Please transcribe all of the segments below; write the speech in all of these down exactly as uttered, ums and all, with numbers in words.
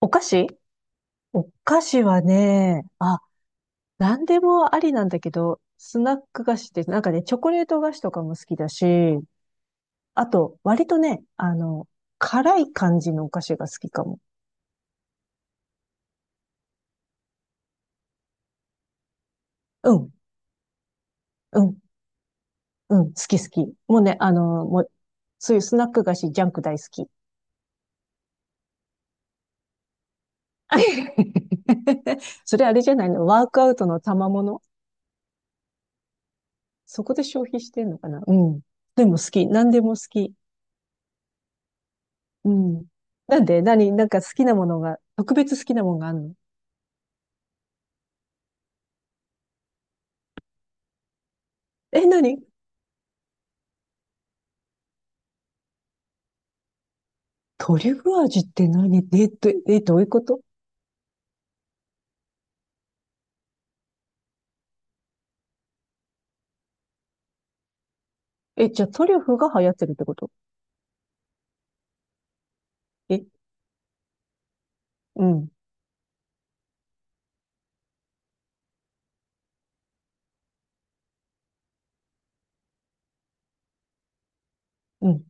お菓子。お菓子はね、あ、なんでもありなんだけど、スナック菓子って、なんかね、チョコレート菓子とかも好きだし、あと、割とね、あの、辛い感じのお菓子が好きかも。うん、うん、うん、好き好き。もうね、あの、もう、そういうスナック菓子、ジャンク大好き。それあれじゃないの？ワークアウトの賜物。そこで消費してんのかな。うん。でも好き。何でも好き。うん。なんで何なんか好きなものが、特別好きなものがあるの？え、何？トリュフ味って何？えっと、どえ、どういうこと？え、じゃあトリュフが流行ってるってこと？え、うん、うん、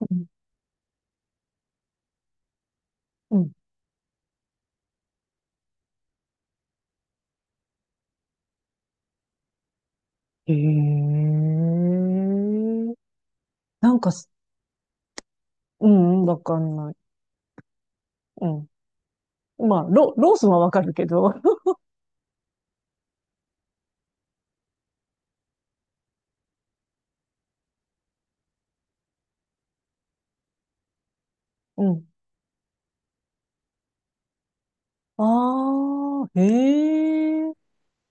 うん、うん。へえ。なんかす、うん、うんわかんない。うん。まあ、ロ、ロースはわかるけど。うん。ああ、へえ。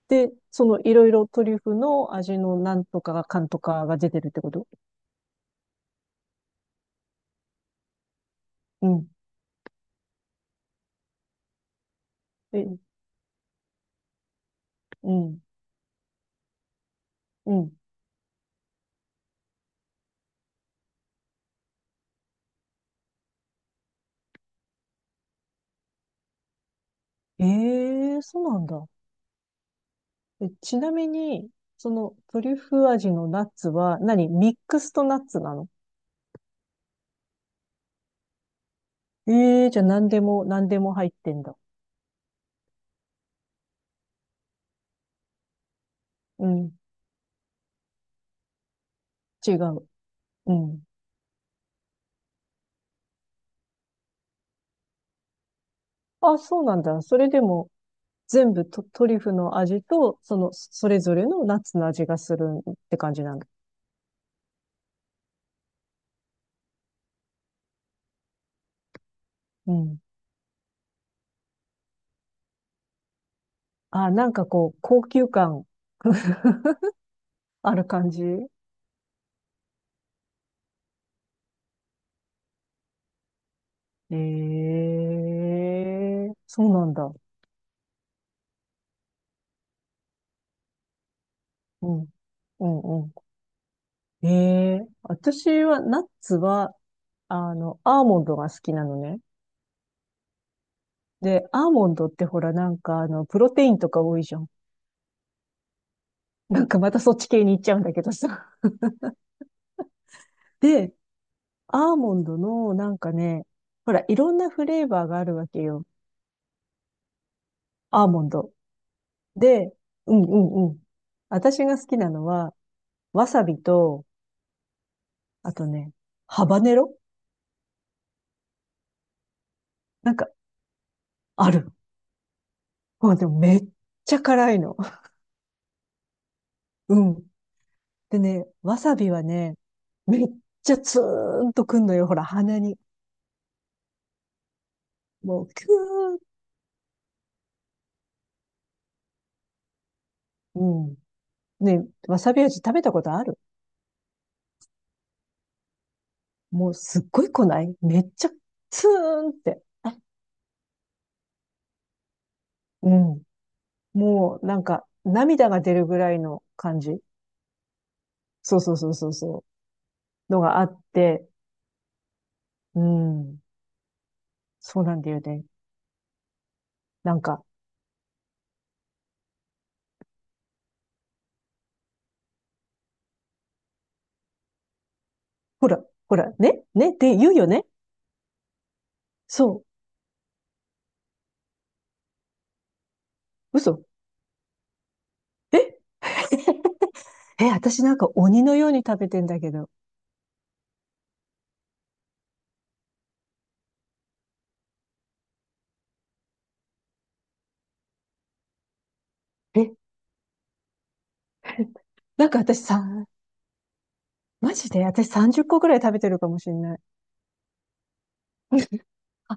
で、そのいろいろトリュフの味のなんとかが、かんとかが出てるってこと？うん。え、うん、うん。ええ、そうなんだ。え、ちなみに、そのトリュフ味のナッツは何、ミックスとナッツなの？ええ、じゃあ何でも、何でも入ってんだ。うん、違う。うん。あ、そうなんだ。それでも全部ト、トリュフの味と、その、それぞれのナッツの味がするって感じなんだ。うん。あ、なんかこう、高級感ある感じ？ええ、そうなんだ。うん。うん、うん。ええ、私は、ナッツは、あの、アーモンドが好きなのね。で、アーモンドってほら、なんか、あの、プロテインとか多いじゃん。なんかまたそっち系に行っちゃうんだけどさ。で、アーモンドの、なんかね、ほら、いろんなフレーバーがあるわけよ。アーモンド。で、うんうんうん。私が好きなのは、わさびと、あとね、ハバネロ。なんか、ある。もうでもめっちゃ辛いの。うん。でね、わさびはね、めっちゃツーンとくんのよ、ほら、鼻に。もう、キューン。うん。ね、わさび味食べたことある？もう、すっごい来ない、めっちゃツーンって。うん。もう、なんか、涙が出るぐらいの感じ。そうそうそうそうそう。のがあって、うん。そうなんだよね。なんか、ほら、ほら、ね、ねって言うよね。そう。嘘。え。 え、私なんか鬼のように食べてんだけど。え、なんか私さ、マジで私さんじゅっこぐらい食べてるかもしれない。あ、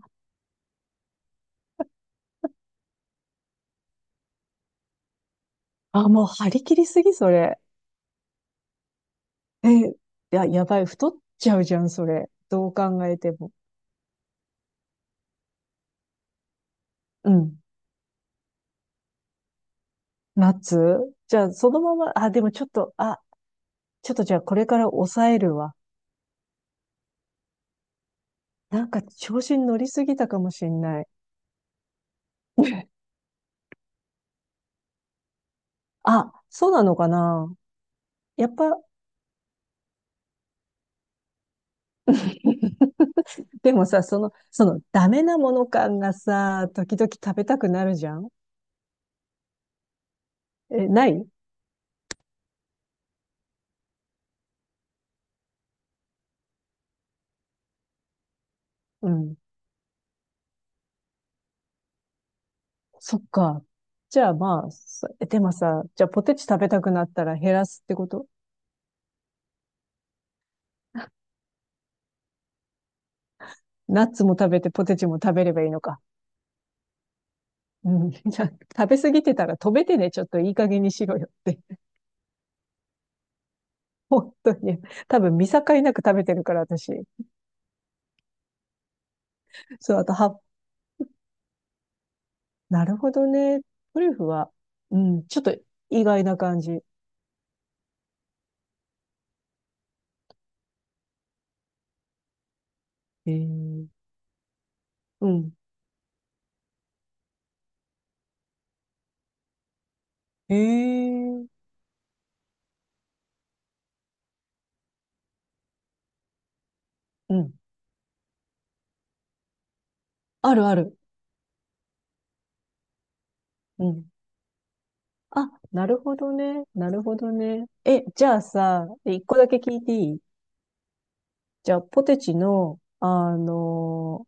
あ、もう張り切りすぎ、それ。え、いや、やばい、太っちゃうじゃん、それ。どう考えても。うん。ナッツ。じゃあ、そのまま、あ、でもちょっと、あ、ちょっとじゃあこれから抑えるわ。なんか調子に乗りすぎたかもしれない。あ、そうなのかな？やっぱ、でもさ、その、その、ダメなもの感がさ、時々食べたくなるじゃん？え、ない？うん。そっか。じゃあまあ、そえでもさ、じゃあポテチ食べたくなったら減らすってこと？ナッツも食べてポテチも食べればいいのか。うん。じゃあ、食べ過ぎてたら止めてね、ちょっといい加減にしろよって。本当に。多分見境なく食べてるから、私。そう、あと、は、なるほどね。トリュフは、うん、ちょっと意外な感じ。へえ。うん。へえ。うん。あるある。うん。あ、なるほどね。なるほどね。え、じゃあさ、一個だけ聞いていい？じゃあ、ポテチの、あのー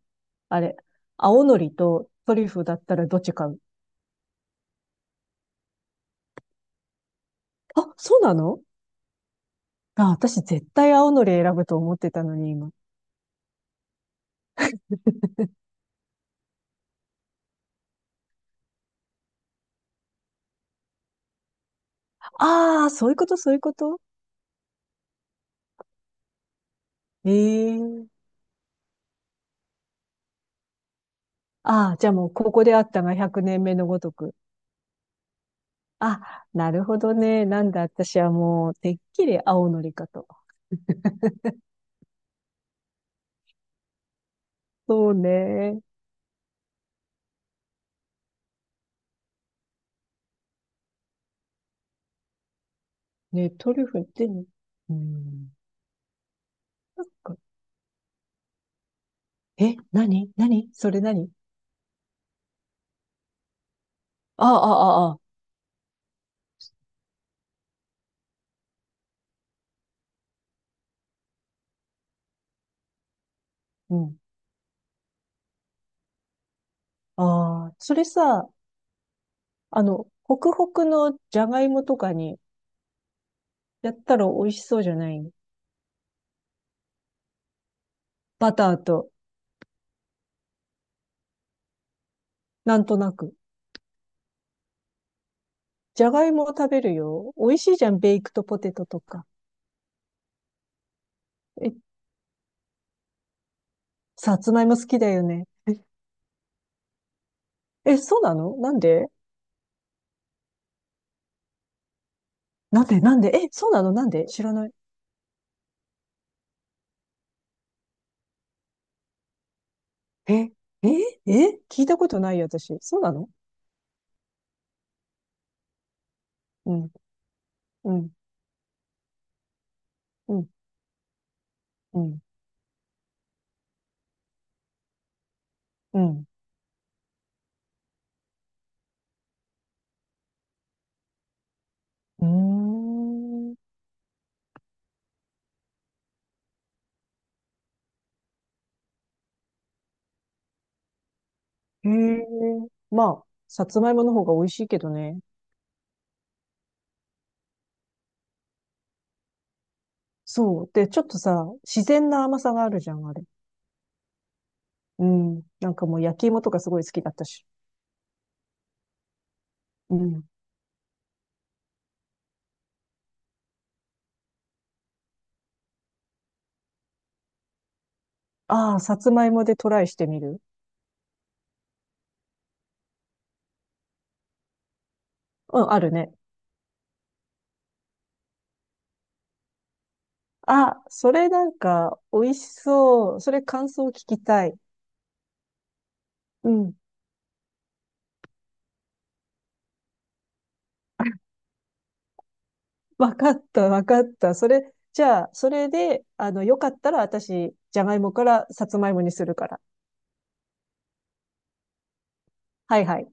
あれ、青のりとトリュフだったらどっち買う？あ、そうなの？あ、私絶対青のり選ぶと思ってたのに、今。ああ、そういうこと、そういうこと。ええ。ああー、じゃあもうここであったがひゃくねんめのごとく。あ、なるほどね。なんだ、私はもう、てっきり青のりかと。そうね。ね、トリュフってね、うん。なんか、え、何？何それ？何？ああ、ああ、ああ。うん。ああ、それさ、あの、ホクホクのじゃがいもとかにやったら美味しそうじゃない？バターと、なんとなく。じゃがいもを食べるよ。美味しいじゃん、ベイクトポテトとか。え、さつまいも好きだよね。え、え、そうなの？なんで？なんで？なんで？え、そうなの？なんで知らない？え、え、え、聞いたことないよ、私。そうなの？うん、うん、うん、うん、うん。うーん。へえ。まあ、さつまいもの方が美味しいけどね。そう。で、ちょっとさ、自然な甘さがあるじゃん、あれ。うん。なんかもう焼き芋とかすごい好きだったし。うん。ああ、さつまいもでトライしてみる？うん、あるね。あ、それなんか美味しそう。それ感想聞きたい。うん。わかった、わかった。それ、じゃあ、それで、あの、よかったら私、じゃがいもからさつまいもにするから。はいはい。